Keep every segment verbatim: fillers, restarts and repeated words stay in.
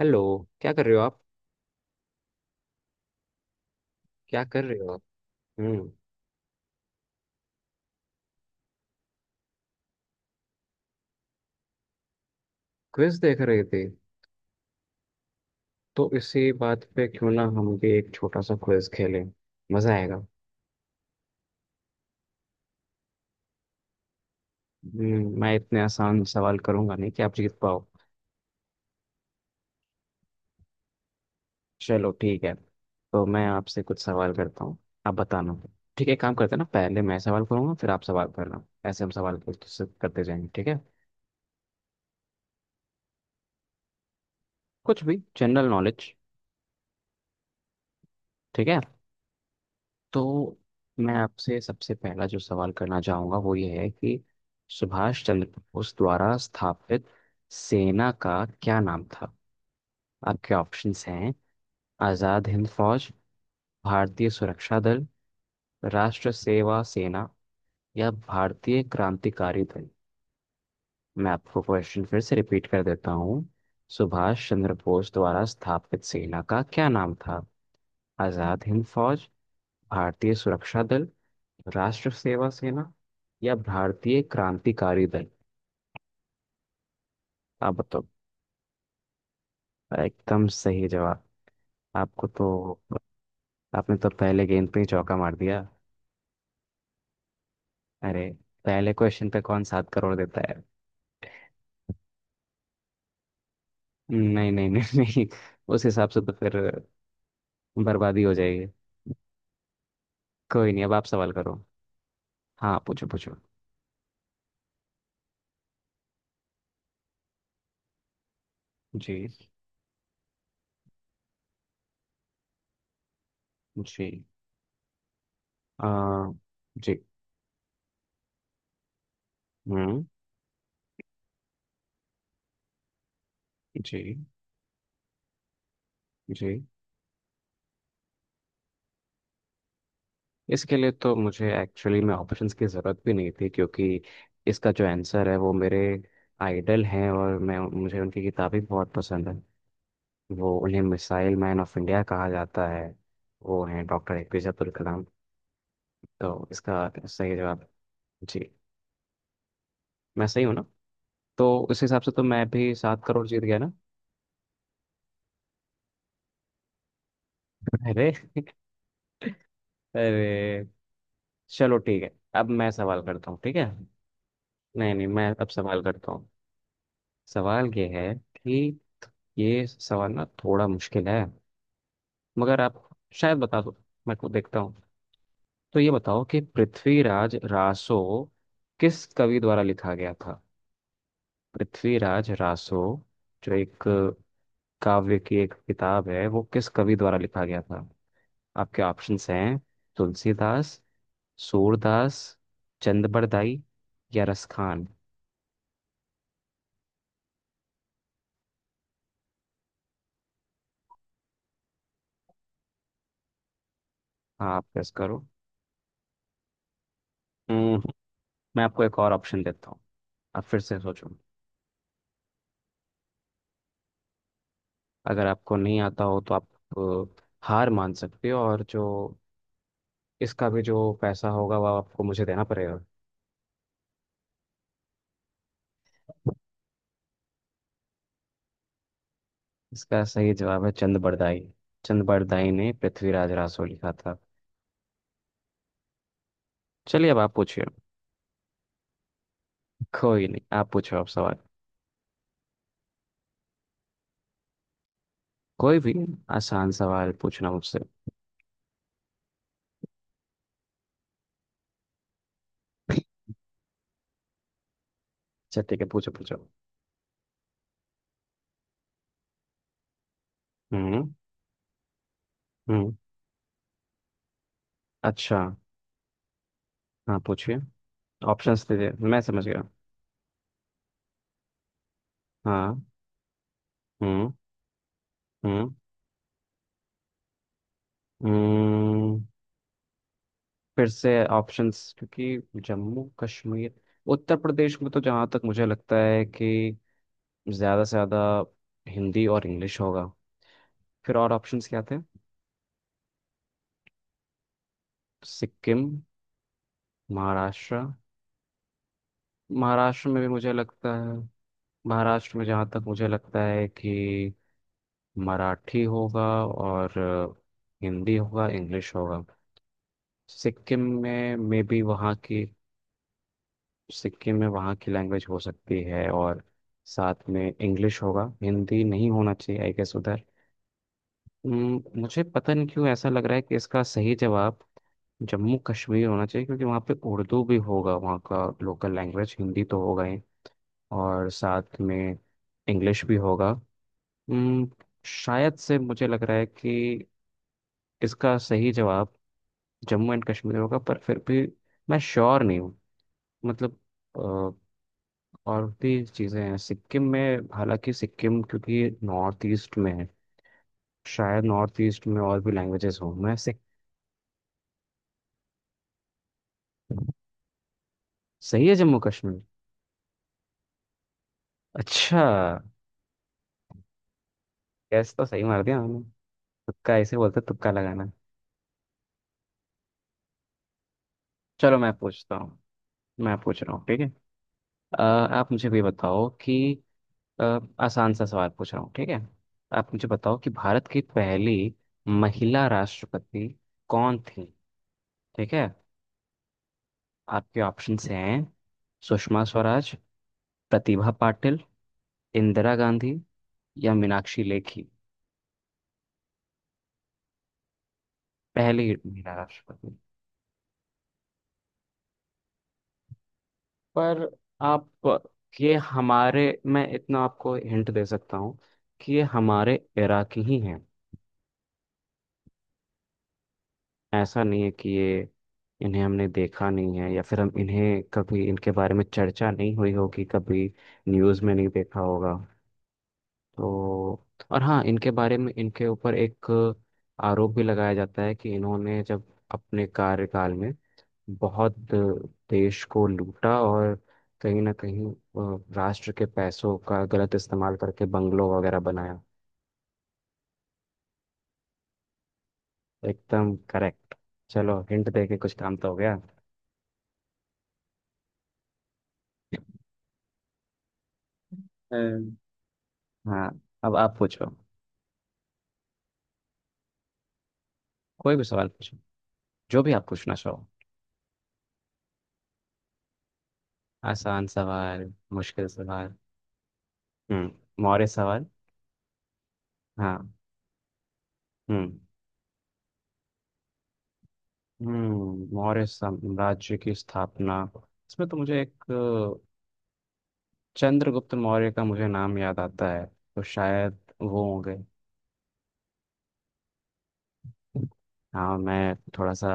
Hello. क्या कर रहे हो आप? क्या कर रहे हो आप? हम्म क्विज देख रहे थे? तो इसी बात पे क्यों ना हम भी एक छोटा सा क्विज खेलें। मजा आएगा। हम्म मैं इतने आसान सवाल करूंगा नहीं कि आप जीत पाओ। चलो ठीक है। तो मैं आपसे कुछ सवाल करता हूँ। आप बताना। ठीक है, एक काम करते हैं ना, पहले मैं सवाल करूंगा, फिर आप सवाल करना। ऐसे हम सवाल करते करते जाएंगे, ठीक है। कुछ भी, जनरल नॉलेज। ठीक है। तो मैं आपसे सबसे पहला जो सवाल करना चाहूंगा वो ये है कि सुभाष चंद्र बोस द्वारा स्थापित सेना का क्या नाम था? आपके ऑप्शंस हैं आज़ाद हिंद फौज, भारतीय सुरक्षा दल, राष्ट्र सेवा सेना, या भारतीय क्रांतिकारी दल। मैं आपको क्वेश्चन फिर से रिपीट कर देता हूँ। सुभाष चंद्र बोस द्वारा स्थापित सेना का क्या नाम था? आज़ाद हिंद फौज, भारतीय सुरक्षा दल, राष्ट्र सेवा सेना, या भारतीय क्रांतिकारी दल। आप बताओ। एकदम सही जवाब। आपको तो, आपने तो पहले गेंद पे ही चौका मार दिया। अरे, पहले क्वेश्चन पे कौन सात करोड़ देता है? नहीं नहीं नहीं नहीं, उस हिसाब से तो फिर बर्बादी हो जाएगी। कोई नहीं, अब आप सवाल करो। हाँ, पूछो पूछो। जी। जी। आ, जी। हम्म जी। जी। इसके लिए तो मुझे एक्चुअली में ऑप्शंस की ज़रूरत भी नहीं थी, क्योंकि इसका जो आंसर है वो मेरे आइडल हैं, और मैं मुझे उनकी किताबें बहुत पसंद है। वो, उन्हें मिसाइल मैन ऑफ इंडिया कहा जाता है। वो हैं doctor A P J Abdul Kalam. तो इसका सही जवाब। जी। मैं सही हूँ ना? तो उस हिसाब से तो मैं भी सात करोड़ जीत गया ना। अरे। अरे, चलो ठीक है। अब मैं सवाल करता हूँ, ठीक है। नहीं नहीं, मैं अब सवाल करता हूँ। सवाल ये है कि, ये सवाल ना थोड़ा मुश्किल है, मगर आप शायद बता दो। मैं को देखता हूँ। तो ये बताओ कि पृथ्वीराज रासो किस कवि द्वारा लिखा गया था? पृथ्वीराज रासो, जो एक काव्य की एक किताब है, वो किस कवि द्वारा लिखा गया था? आपके ऑप्शंस हैं तुलसीदास, सूरदास, चंदबरदाई, या रसखान। हाँ, आप गेस करो। हम्म, मैं आपको एक और ऑप्शन देता हूँ। आप फिर से सोचो। अगर आपको नहीं आता हो तो आप अ, हार मान सकते हो, और जो इसका भी जो पैसा होगा वह आपको मुझे देना पड़ेगा। इसका सही जवाब है चंद बरदाई। चंद बरदाई ने पृथ्वीराज रासो लिखा था। चलिए अब आप पूछिए। कोई नहीं, आप पूछो, आप सवाल। कोई भी। आसान सवाल पूछना मुझसे। अच्छा ठीक है, पूछो पूछो। हम्म हम्म। अच्छा। हाँ पूछिए। ऑप्शंस दीजिए, मैं समझ गया। हाँ। हम्म। हम्म। हम्म फिर से ऑप्शंस, क्योंकि जम्मू कश्मीर, उत्तर प्रदेश में तो जहाँ तक मुझे लगता है कि ज़्यादा से ज़्यादा हिंदी और इंग्लिश होगा। फिर और ऑप्शंस क्या थे? सिक्किम। महाराष्ट्र। महाराष्ट्र में भी मुझे लगता है, महाराष्ट्र में जहाँ तक मुझे लगता है कि मराठी होगा, और हिंदी होगा, इंग्लिश होगा। सिक्किम में मे बी वहाँ की, सिक्किम में वहाँ की लैंग्वेज हो सकती है, और साथ में इंग्लिश होगा, हिंदी नहीं होना चाहिए आई गेस उधर। हम्म, मुझे पता नहीं क्यों ऐसा लग रहा है कि इसका सही जवाब जम्मू कश्मीर होना चाहिए, क्योंकि वहाँ पे उर्दू भी होगा, वहाँ का लोकल लैंग्वेज हिंदी तो होगा ही, और साथ में इंग्लिश भी होगा। हम्म, शायद से मुझे लग रहा है कि इसका सही जवाब जम्मू एंड कश्मीर होगा, पर फिर भी मैं श्योर नहीं हूँ। मतलब और भी चीज़ें हैं सिक्किम में, हालांकि सिक्किम क्योंकि नॉर्थ ईस्ट में है, शायद नॉर्थ ईस्ट में और भी लैंग्वेजेस हो। मैं सिक। सही है जम्मू कश्मीर। अच्छा। गैस तो सही मार दिया हमने। तुक्का ऐसे बोलते हैं, तुक्का लगाना। चलो मैं पूछता हूँ। मैं पूछ रहा हूँ, ठीक है। अ, आप मुझे भी बताओ कि अ, आसान सा सवाल पूछ रहा हूँ, ठीक है। आप मुझे बताओ कि भारत की पहली महिला राष्ट्रपति कौन थी? ठीक है। आपके ऑप्शंस हैं सुषमा स्वराज, प्रतिभा पाटिल, इंदिरा गांधी, या मीनाक्षी लेखी। पहली महिला राष्ट्रपति। पर आप, ये हमारे, मैं इतना आपको हिंट दे सकता हूँ कि ये हमारे इरा की ही हैं। ऐसा नहीं है कि ये, इन्हें हमने देखा नहीं है, या फिर हम इन्हें, कभी इनके बारे में चर्चा नहीं हुई होगी, कभी न्यूज़ में नहीं देखा होगा। तो और हाँ, इनके बारे में, इनके ऊपर एक आरोप भी लगाया जाता है कि इन्होंने जब अपने कार्यकाल में बहुत देश को लूटा, और कहीं ना कहीं अ, राष्ट्र के पैसों का गलत इस्तेमाल करके बंगलों वगैरह बनाया। एकदम करेक्ट। चलो हिंट दे के कुछ काम तो हो गया। अ, हाँ, अब आप पूछो। कोई भी सवाल पूछो, जो भी आप पूछना चाहो। आसान सवाल, मुश्किल सवाल। हम्म मौर्य सवाल। हाँ। हम्म। हम्म मौर्य साम्राज्य की स्थापना, इसमें तो मुझे, एक चंद्रगुप्त मौर्य का मुझे नाम याद आता है, तो शायद वो हो गए। हाँ, मैं थोड़ा सा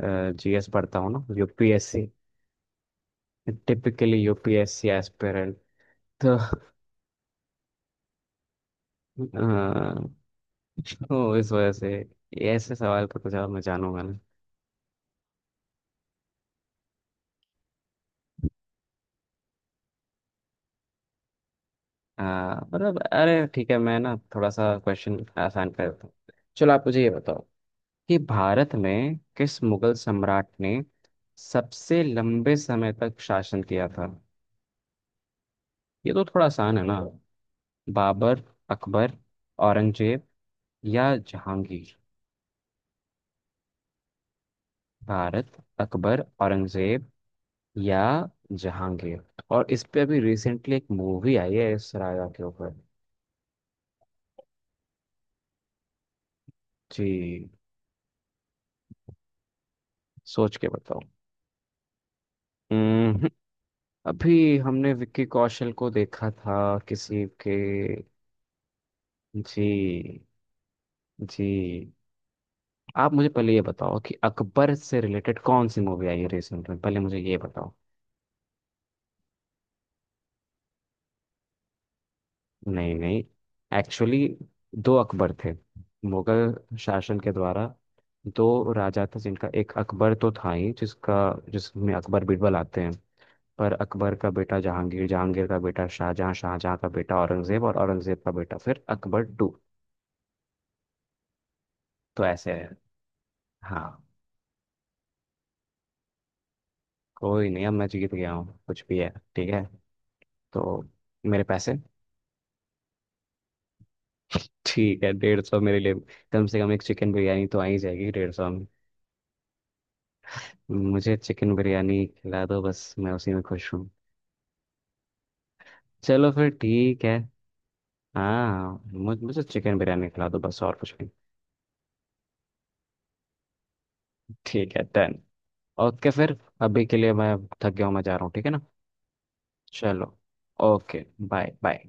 जी एस पढ़ता हूँ ना, U P S C. Typically U P S C aspirant. तो अ, तो इस वजह से ऐसे सवाल पर कुछ और मैं जानूंगा ना। अ, मतलब, अरे ठीक है, मैं ना थोड़ा सा क्वेश्चन आसान कर देता हूँ। चलो आप मुझे ये बताओ कि भारत में किस मुगल सम्राट ने सबसे लंबे समय तक शासन किया था? ये तो थोड़ा आसान है ना। बाबर, अकबर, औरंगजेब, या जहांगीर। भारत, अकबर, औरंगजेब, या जहांगीर। और इस पे अभी रिसेंटली एक मूवी आई है इस राजा के ऊपर। जी। सोच के बताओ। हम्म, अभी हमने विक्की कौशल को देखा था किसी के। जी। जी। आप मुझे पहले ये बताओ कि अकबर से रिलेटेड कौन सी मूवी आई है रिसेंट में, पहले मुझे ये बताओ। नहीं नहीं। एक्चुअली दो अकबर थे। मुगल शासन के द्वारा दो राजा थे जिनका, एक अकबर तो था ही, जिसका, जिसमें अकबर बीरबल आते हैं, पर अकबर का बेटा जहांगीर, जहांगीर का बेटा शाहजहां, शाहजहां का बेटा औरंगजेब, और औरंगजेब का बेटा फिर अकबर टू। तो ऐसे है। हाँ। कोई नहीं, अब मैं जीत गया हूँ कुछ भी है। ठीक है। तो मेरे पैसे। ठीक है, डेढ़ सौ मेरे लिए कम से कम एक चिकन बिरयानी तो आ ही जाएगी। डेढ़ सौ, मुझे चिकन बिरयानी खिला दो, बस मैं उसी में खुश हूँ। चलो फिर ठीक है। हाँ, मुझ- मुझे चिकन बिरयानी खिला दो बस, और कुछ नहीं। ठीक है डन। ओके फिर, अभी के लिए मैं थक गया हूँ, मैं जा रहा हूँ, ठीक है ना। चलो। Okay bye bye.